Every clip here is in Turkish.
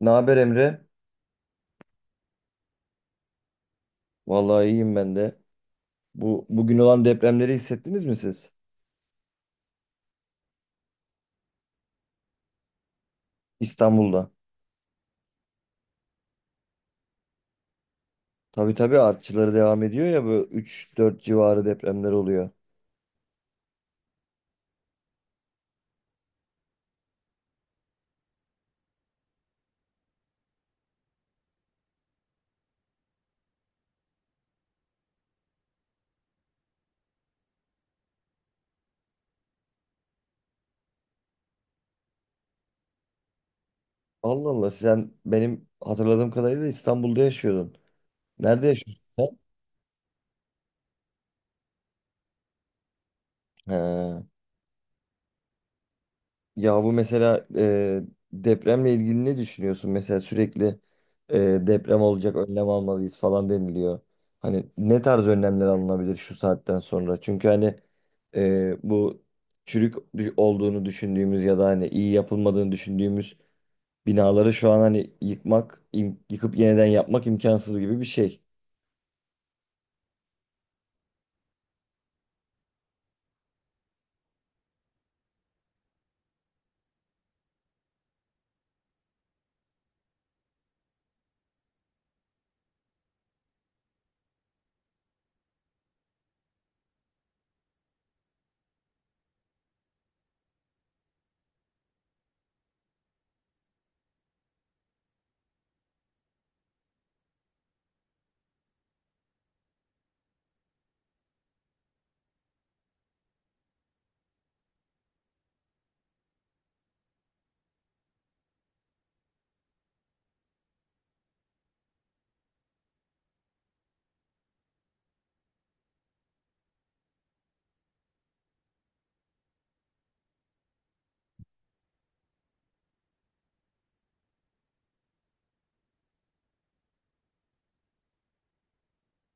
Ne haber, Emre? Vallahi iyiyim ben de. Bu bugün olan depremleri hissettiniz mi siz? İstanbul'da. Tabii tabii, artçıları devam ediyor ya, böyle üç dört civarı depremler oluyor. Allah Allah, sen benim hatırladığım kadarıyla İstanbul'da yaşıyordun. Nerede yaşıyorsun sen? He. Ya bu mesela depremle ilgili ne düşünüyorsun? Mesela sürekli deprem olacak, önlem almalıyız falan deniliyor. Hani ne tarz önlemler alınabilir şu saatten sonra? Çünkü hani bu olduğunu düşündüğümüz ya da hani iyi yapılmadığını düşündüğümüz binaları şu an hani yıkmak, yıkıp yeniden yapmak imkansız gibi bir şey.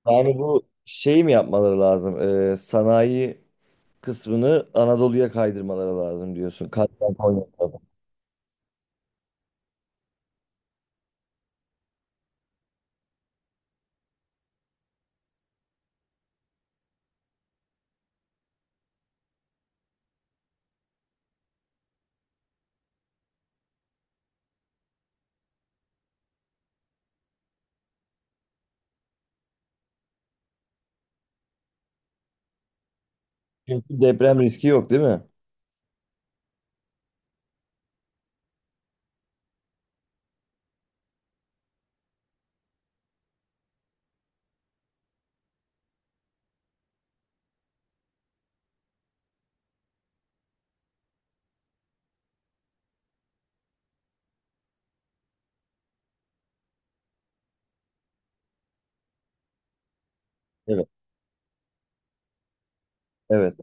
Yani bu şeyi mi yapmaları lazım? Sanayi kısmını Anadolu'ya kaydırmaları lazım diyorsun. Katman. Çünkü deprem riski yok değil mi? Evet. Evet.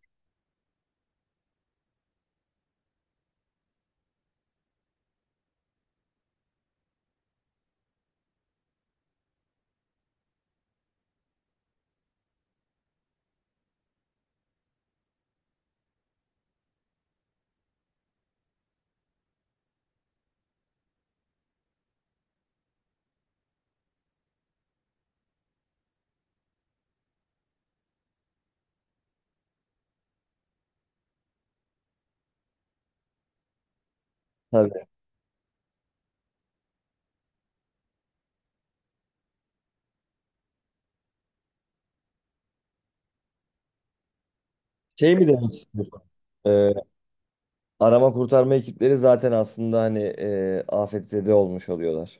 Tabii. Şey mi demek istiyorsun? Ee, Arama kurtarma ekipleri zaten aslında hani afetzede olmuş oluyorlar.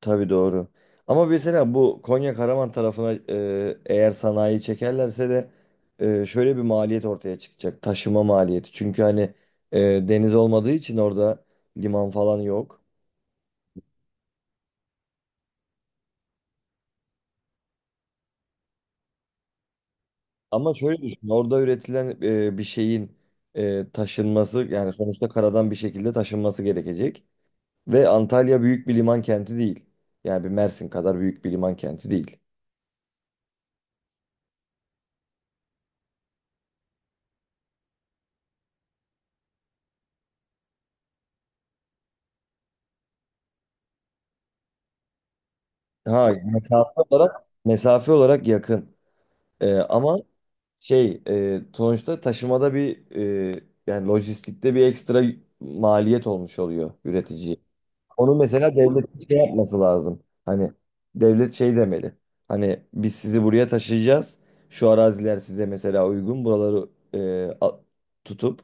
Tabii, doğru. Ama mesela bu Konya Karaman tarafına eğer sanayi çekerlerse de şöyle bir maliyet ortaya çıkacak. Taşıma maliyeti. Çünkü hani e, deniz olmadığı için orada liman falan yok. Ama şöyle düşün. Orada üretilen bir şeyin taşınması, yani sonuçta karadan bir şekilde taşınması gerekecek. Ve Antalya büyük bir liman kenti değil. Yani bir Mersin kadar büyük bir liman kenti değil. Ha mesafe olarak mesafe olarak yakın. Ama sonuçta taşımada bir, yani lojistikte bir ekstra maliyet olmuş oluyor üreticiye. Onu mesela devlet şey yapması lazım. Hani devlet şey demeli. Hani biz sizi buraya taşıyacağız. Şu araziler size mesela uygun. Buraları e, a- tutup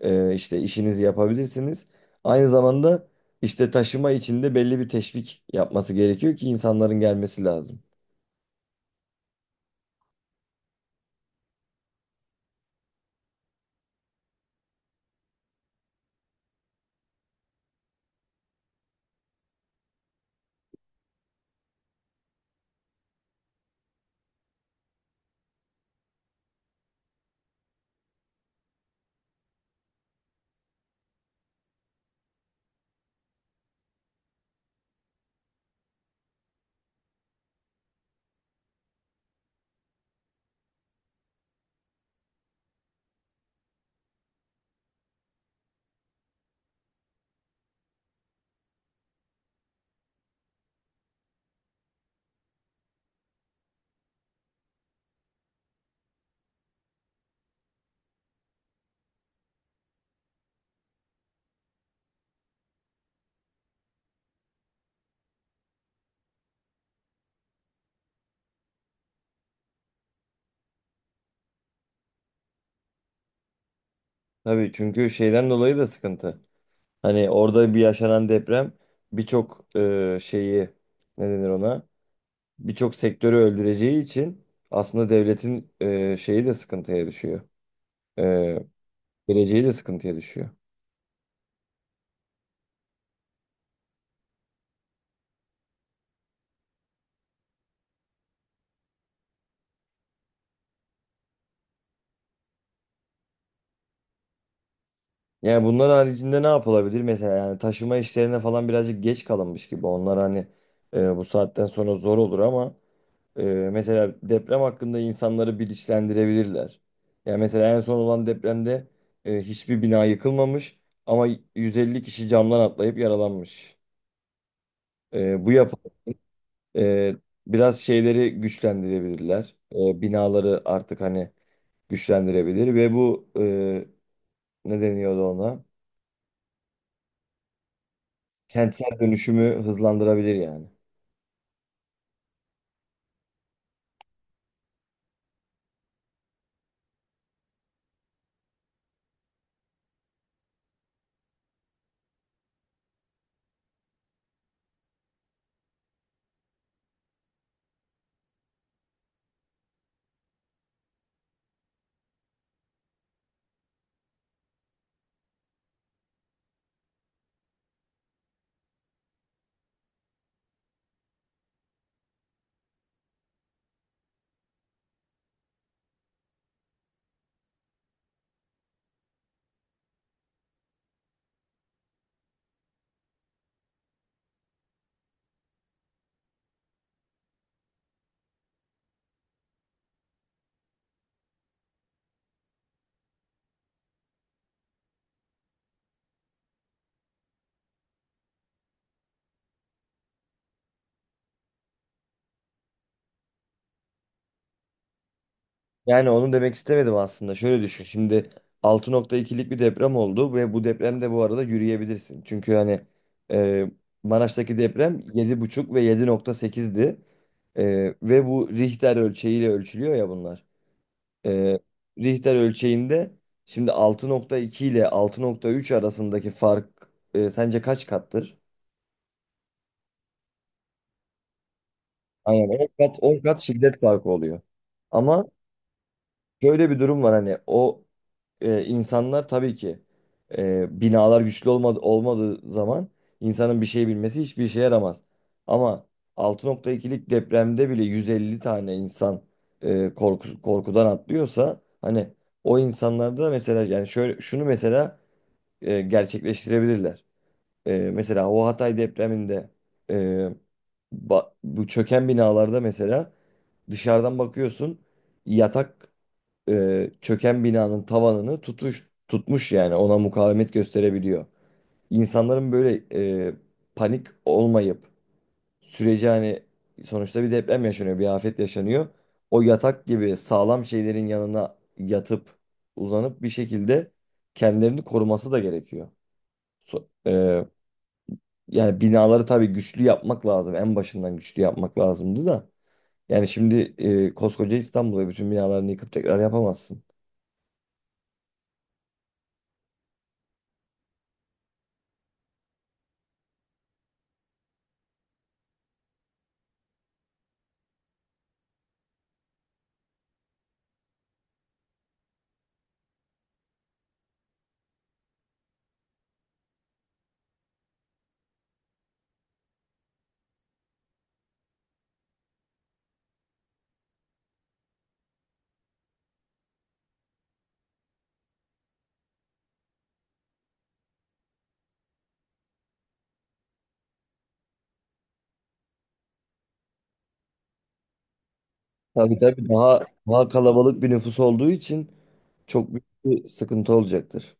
İşte işinizi yapabilirsiniz. Aynı zamanda işte taşıma içinde belli bir teşvik yapması gerekiyor ki insanların gelmesi lazım. Tabii, çünkü şeyden dolayı da sıkıntı. Hani orada bir yaşanan deprem birçok şeyi, ne denir ona? Birçok sektörü öldüreceği için aslında devletin şeyi de sıkıntıya düşüyor. E, Geleceği de sıkıntıya düşüyor. Yani bunlar haricinde ne yapılabilir? Mesela yani taşıma işlerine falan birazcık geç kalınmış gibi. Onlar hani bu saatten sonra zor olur ama e, mesela deprem hakkında insanları bilinçlendirebilirler. Yani mesela en son olan depremde hiçbir bina yıkılmamış ama 150 kişi camdan atlayıp yaralanmış. E, bu yap Ee, biraz şeyleri güçlendirebilirler. Binaları artık hani güçlendirebilir ve bu, ne deniyordu ona? Kentsel dönüşümü hızlandırabilir yani. Yani onu demek istemedim aslında. Şöyle düşün. Şimdi altı nokta ikilik bir deprem oldu ve bu depremde, bu arada, yürüyebilirsin. Çünkü hani e, Maraş'taki deprem 7,5 ve 7,8'di. E, Ve bu Richter ölçeğiyle ölçülüyor ya bunlar. e, Richter ölçeğinde şimdi 6,2 ile 6,3 arasındaki fark sence kaç kattır? Aynen, 10 kat, on kat şiddet farkı oluyor. Ama şöyle bir durum var: hani o, insanlar tabii ki, binalar güçlü olmadığı zaman insanın bir şey bilmesi hiçbir işe yaramaz. Ama 6,2'lik depremde bile 150 tane insan korkudan atlıyorsa, hani o insanlarda mesela, yani şöyle şunu mesela gerçekleştirebilirler. Mesela o Hatay depreminde e, bu çöken binalarda mesela, dışarıdan bakıyorsun, yatak çöken binanın tavanını tutmuş, yani ona mukavemet gösterebiliyor. İnsanların böyle e, panik olmayıp süreci hani, sonuçta bir deprem yaşanıyor, bir afet yaşanıyor. O yatak gibi sağlam şeylerin yanına yatıp uzanıp bir şekilde kendilerini koruması da gerekiyor. So- e, yani binaları tabii güçlü yapmak lazım. En başından güçlü yapmak lazımdı da. Yani şimdi, koskoca İstanbul'u, bütün binalarını yıkıp tekrar yapamazsın. Tabii tabii, daha kalabalık bir nüfus olduğu için çok büyük bir sıkıntı olacaktır.